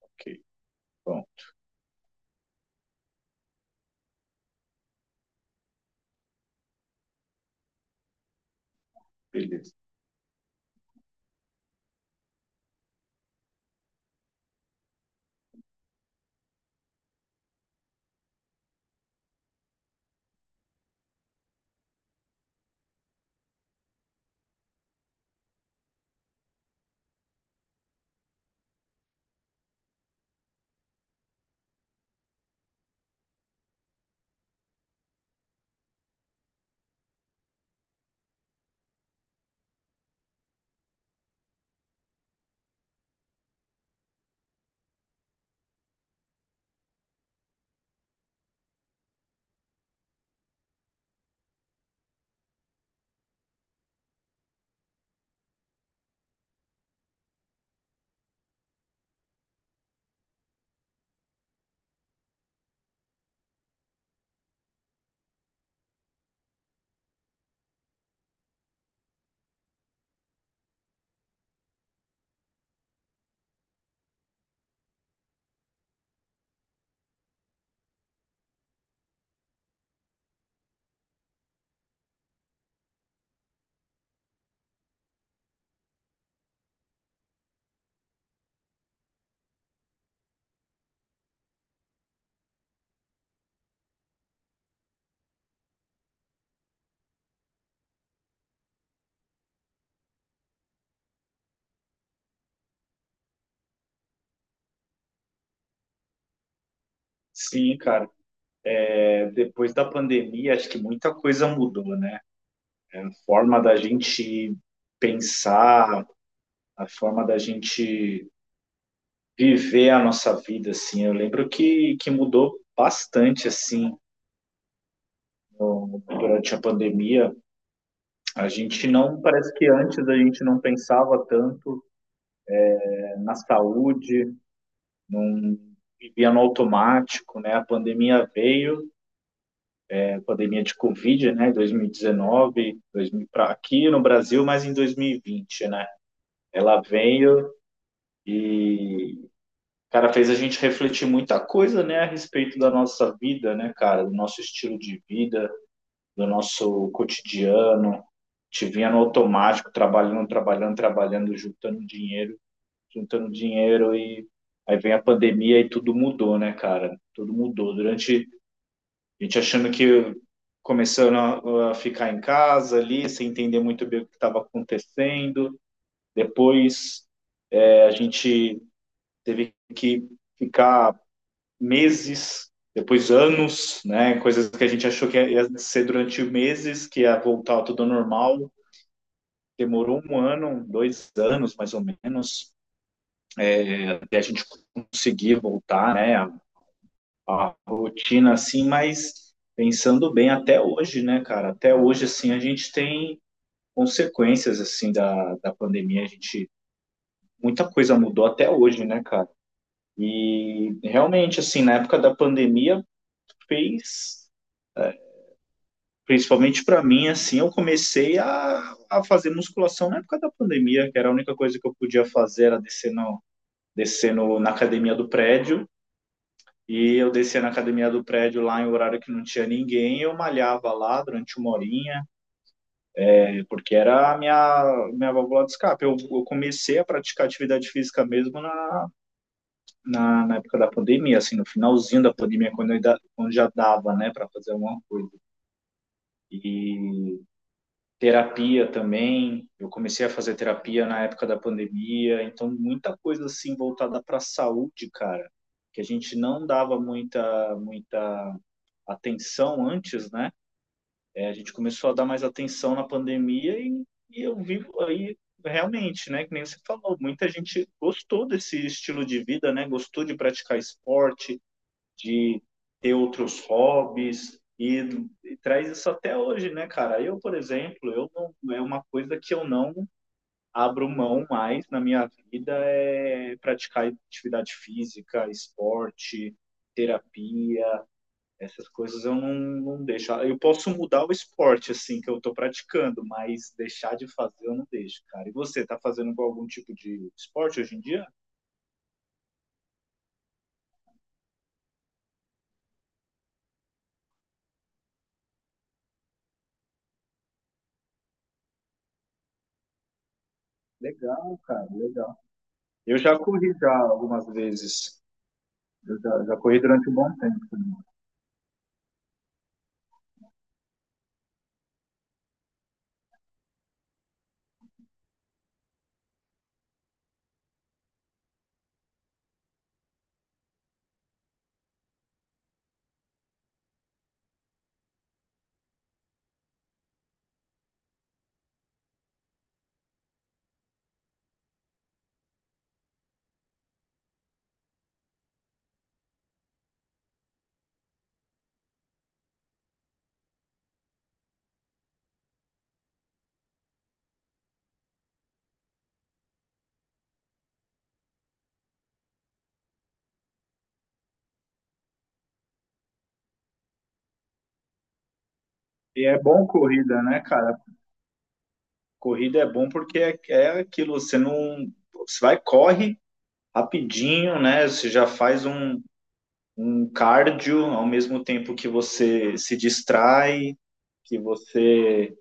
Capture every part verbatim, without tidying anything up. Ok, bom, beleza. Sim, cara, é, depois da pandemia, acho que muita coisa mudou, né? A forma da gente pensar, a forma da gente viver a nossa vida, assim. Eu lembro que, que mudou bastante, assim, no- durante a pandemia. A gente não, parece que antes a gente não pensava tanto, é, na saúde, não vivia no automático, né? A pandemia veio, pandemia de Covid, né, dois mil e dezenove, dois mil pra, aqui no Brasil, mas em dois mil e vinte, né? Ela veio e, cara, fez a gente refletir muita coisa, né, a respeito da nossa vida, né, cara, do nosso estilo de vida, do nosso cotidiano. Te vinha no automático, trabalhando, trabalhando, trabalhando, juntando dinheiro, juntando dinheiro, e aí vem a pandemia e tudo mudou, né, cara? Tudo mudou. Durante A gente achando que, começando a, a ficar em casa ali, sem entender muito bem o que estava acontecendo. Depois é, a gente teve que ficar meses, depois anos, né? Coisas que a gente achou que ia ser durante meses, que ia voltar tudo ao normal. Demorou um ano, dois anos mais ou menos, até a gente conseguir voltar, né? A, a rotina assim, mas pensando bem, até hoje, né, cara? Até hoje, assim, a gente tem consequências assim da, da pandemia. A gente, muita coisa mudou até hoje, né, cara? E realmente assim, na época da pandemia fez, principalmente para mim assim, eu comecei a, a fazer musculação na época da pandemia, que era a única coisa que eu podia fazer era descer no, descer no, na academia do prédio. E eu descia na academia do prédio lá em horário que não tinha ninguém, eu malhava lá durante uma horinha, porque era a minha, minha válvula de escape. Eu, eu comecei a praticar atividade física mesmo na, na, na época da pandemia, assim, no finalzinho da pandemia, quando eu, ainda- quando já dava, né, para fazer alguma coisa. E terapia também, eu comecei a fazer terapia na época da pandemia, então muita coisa assim voltada para a saúde, cara, que a gente não dava muita, muita atenção antes, né? É, a gente começou a dar mais atenção na pandemia, e, e eu vivo aí realmente, né? Que nem você falou, muita gente gostou desse estilo de vida, né? Gostou de praticar esporte, de ter outros hobbies, e, e traz isso até hoje, né, cara? Eu, por exemplo, eu não, é uma coisa que eu não abro mão mais na minha vida é praticar atividade física, esporte, terapia, essas coisas eu não, não deixo. Ah, eu posso mudar o esporte, assim, que eu estou praticando, mas deixar de fazer eu não deixo, cara. E você, tá fazendo algum tipo de esporte hoje em dia? Legal, cara, legal. Eu já corri já algumas vezes. Eu já, já corri durante um bom tempo também. E é bom corrida, né, cara? Corrida é bom porque é, é aquilo, você não. Você vai, corre rapidinho, né? Você já faz um, um cardio ao mesmo tempo que você se distrai, que você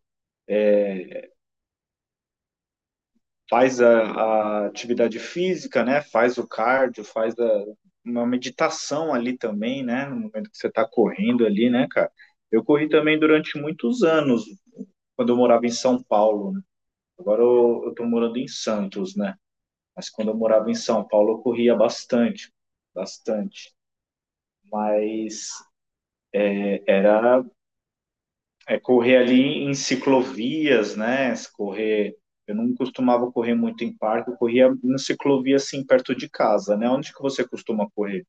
faz a, a atividade física, né? Faz o cardio, faz a- uma meditação ali também, né? No momento que você está correndo ali, né, cara? Eu corri também durante muitos anos, quando eu morava em São Paulo, né? Agora eu, eu tô morando em Santos, né? Mas quando eu morava em São Paulo, eu corria bastante, bastante. Mas era é correr ali em ciclovias, né? Correr. Eu não costumava correr muito em parque, eu corria em ciclovia assim perto de casa, né? Onde que você costuma correr?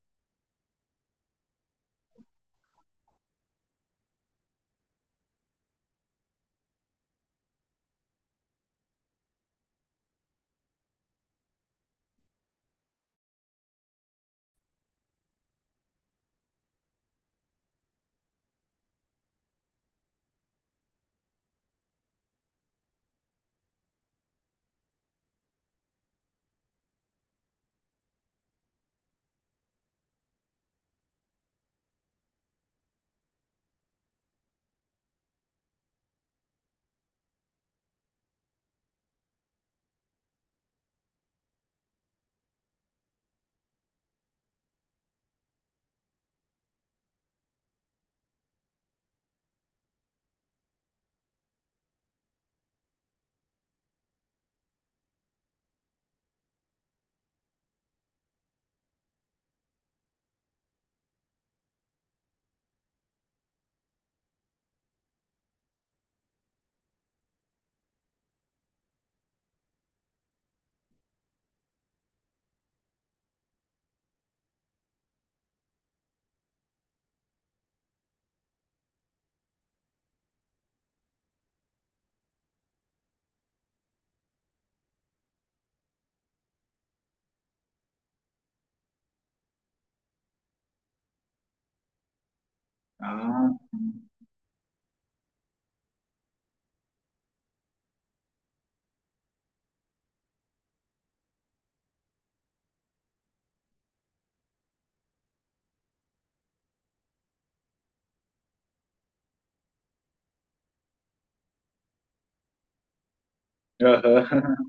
Ah, aham.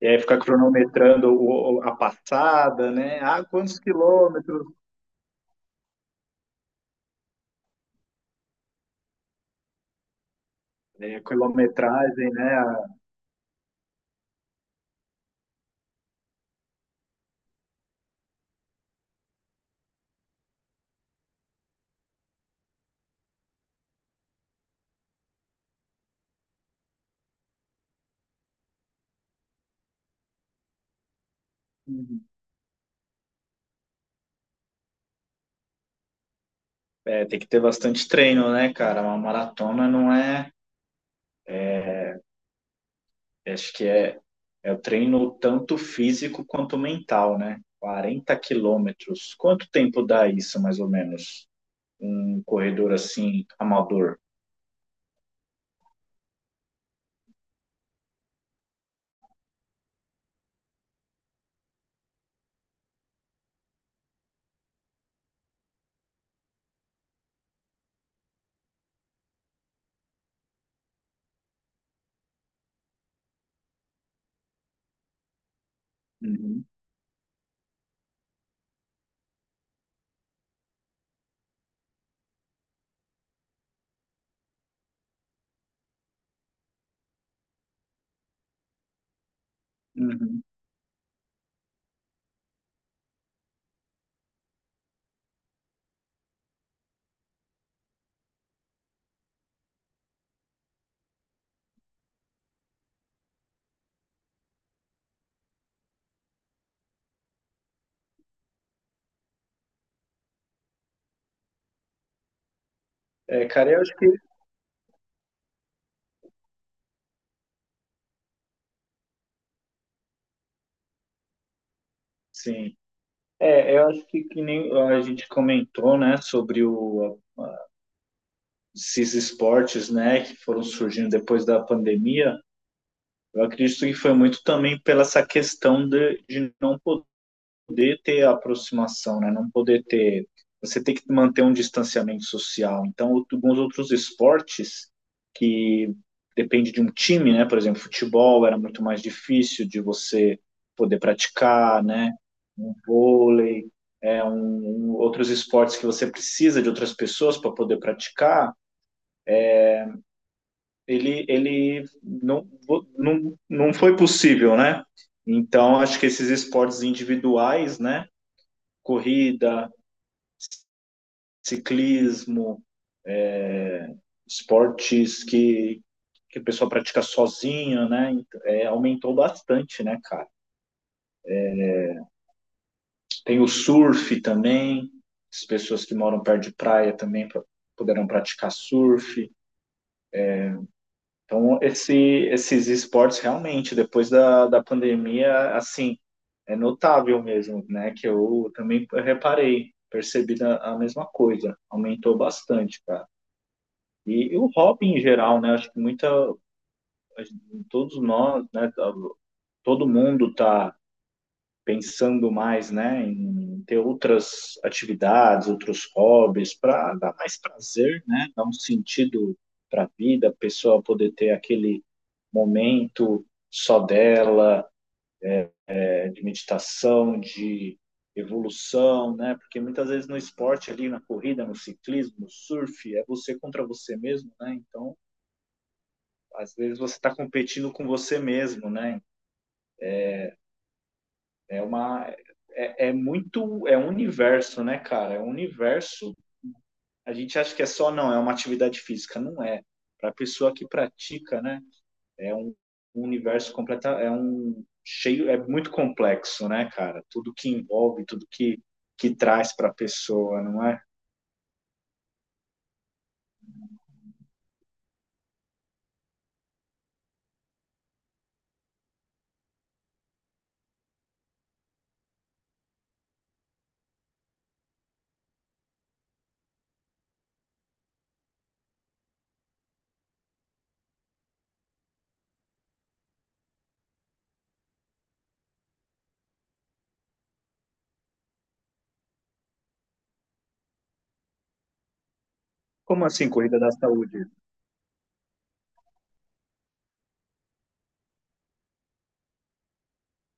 E aí ficar cronometrando o- o- a passada, né? Ah, quantos quilômetros? É, quilometragem, né? Uhum. É, tem que ter bastante treino, né, cara? Uma maratona não é. Acho que é, é o treino tanto físico quanto mental, né? Quarenta quilômetros. Quanto tempo dá isso, mais ou menos? Um corredor assim, amador? Uhum, uhum. É, cara, eu acho que sim. É, eu acho que, que nem a gente comentou, né, sobre o, esses esportes, né, que foram surgindo depois da pandemia. Eu acredito que foi muito também pela essa questão de, de não poder ter aproximação, né? Não poder ter. Você tem que manter um distanciamento social. Então, alguns outros esportes que depende de um time, né? Por exemplo, futebol era muito mais difícil de você poder praticar, né? Um vôlei, é, um, um, outros esportes que você precisa de outras pessoas para poder praticar, ele, ele não, não, não foi possível, né? Então, acho que esses esportes individuais, né? Corrida, ciclismo, é, esportes que, que a pessoa pratica sozinha, né? Então, é, aumentou bastante, né, cara? Tem o surf também, as pessoas que moram perto de praia também pra, puderam praticar surf. Então, esse, esses esportes realmente, depois da, da pandemia, assim, é notável mesmo, né? Que eu também reparei, percebi a, a mesma coisa, aumentou bastante, cara. E, e o hobby em geral, né? Acho que muita, todos nós, né, tá, todo mundo está pensando mais, né, em ter outras atividades, outros hobbies para dar mais prazer, né, dar um sentido para a vida, a pessoa poder ter aquele momento só dela, é, de meditação, de evolução, né? Porque muitas vezes no esporte ali, na corrida, no ciclismo, no surf, é você contra você mesmo, né? Então, às vezes você está competindo com você mesmo, né? É uma é, é muito é um universo, né, cara? É um universo. A gente acha que é só não, é uma atividade física, não é. Para a pessoa que pratica, né, é um, um universo completo, é um cheio, é muito complexo, né, cara? Tudo que envolve, tudo que que traz para a pessoa, não é? Como assim, corrida da saúde?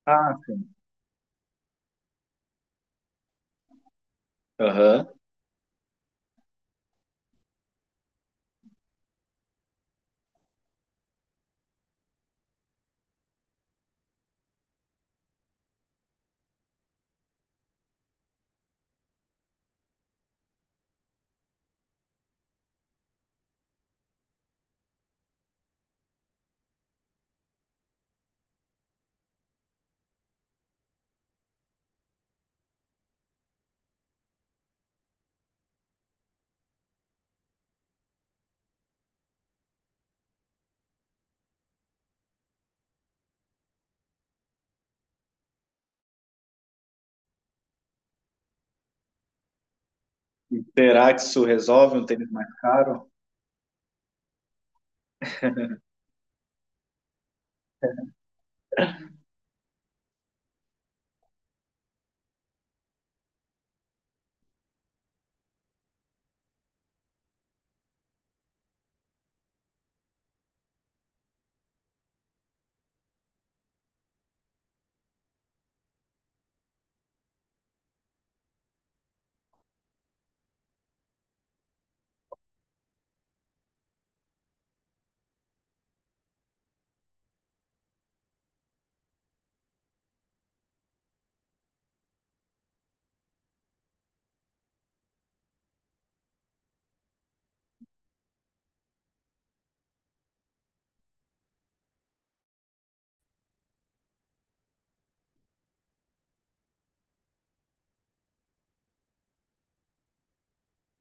Ah, sim. Aham. E será que isso resolve, um tênis mais caro?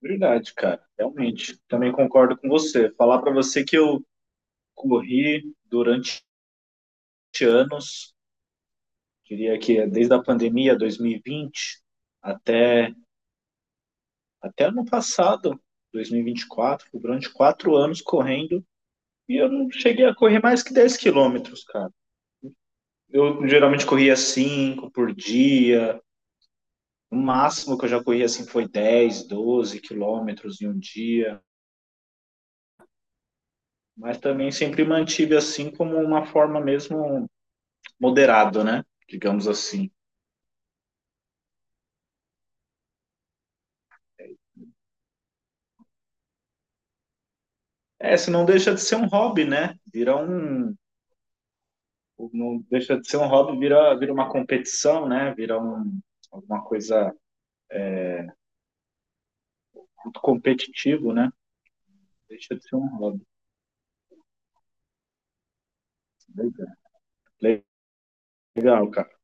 Verdade, cara. Realmente. Também concordo com você. Falar para você que eu corri durante anos, diria que é desde a pandemia dois mil e vinte até, até ano passado, dois mil e vinte e quatro, durante quatro anos correndo, e eu não cheguei a correr mais que dez quilômetros, cara. Eu geralmente corria cinco por dia, o máximo que eu já corri assim foi dez, doze quilômetros em um dia, mas também sempre mantive assim como uma forma mesmo moderada, né? Digamos assim. É, se não, deixa de ser um hobby, né? Vira um. Não deixa de ser um hobby, vira, vira uma competição, né? Vira um, alguma coisa muito competitivo, né? Deixa de ser um hobby. Legal, legal cara.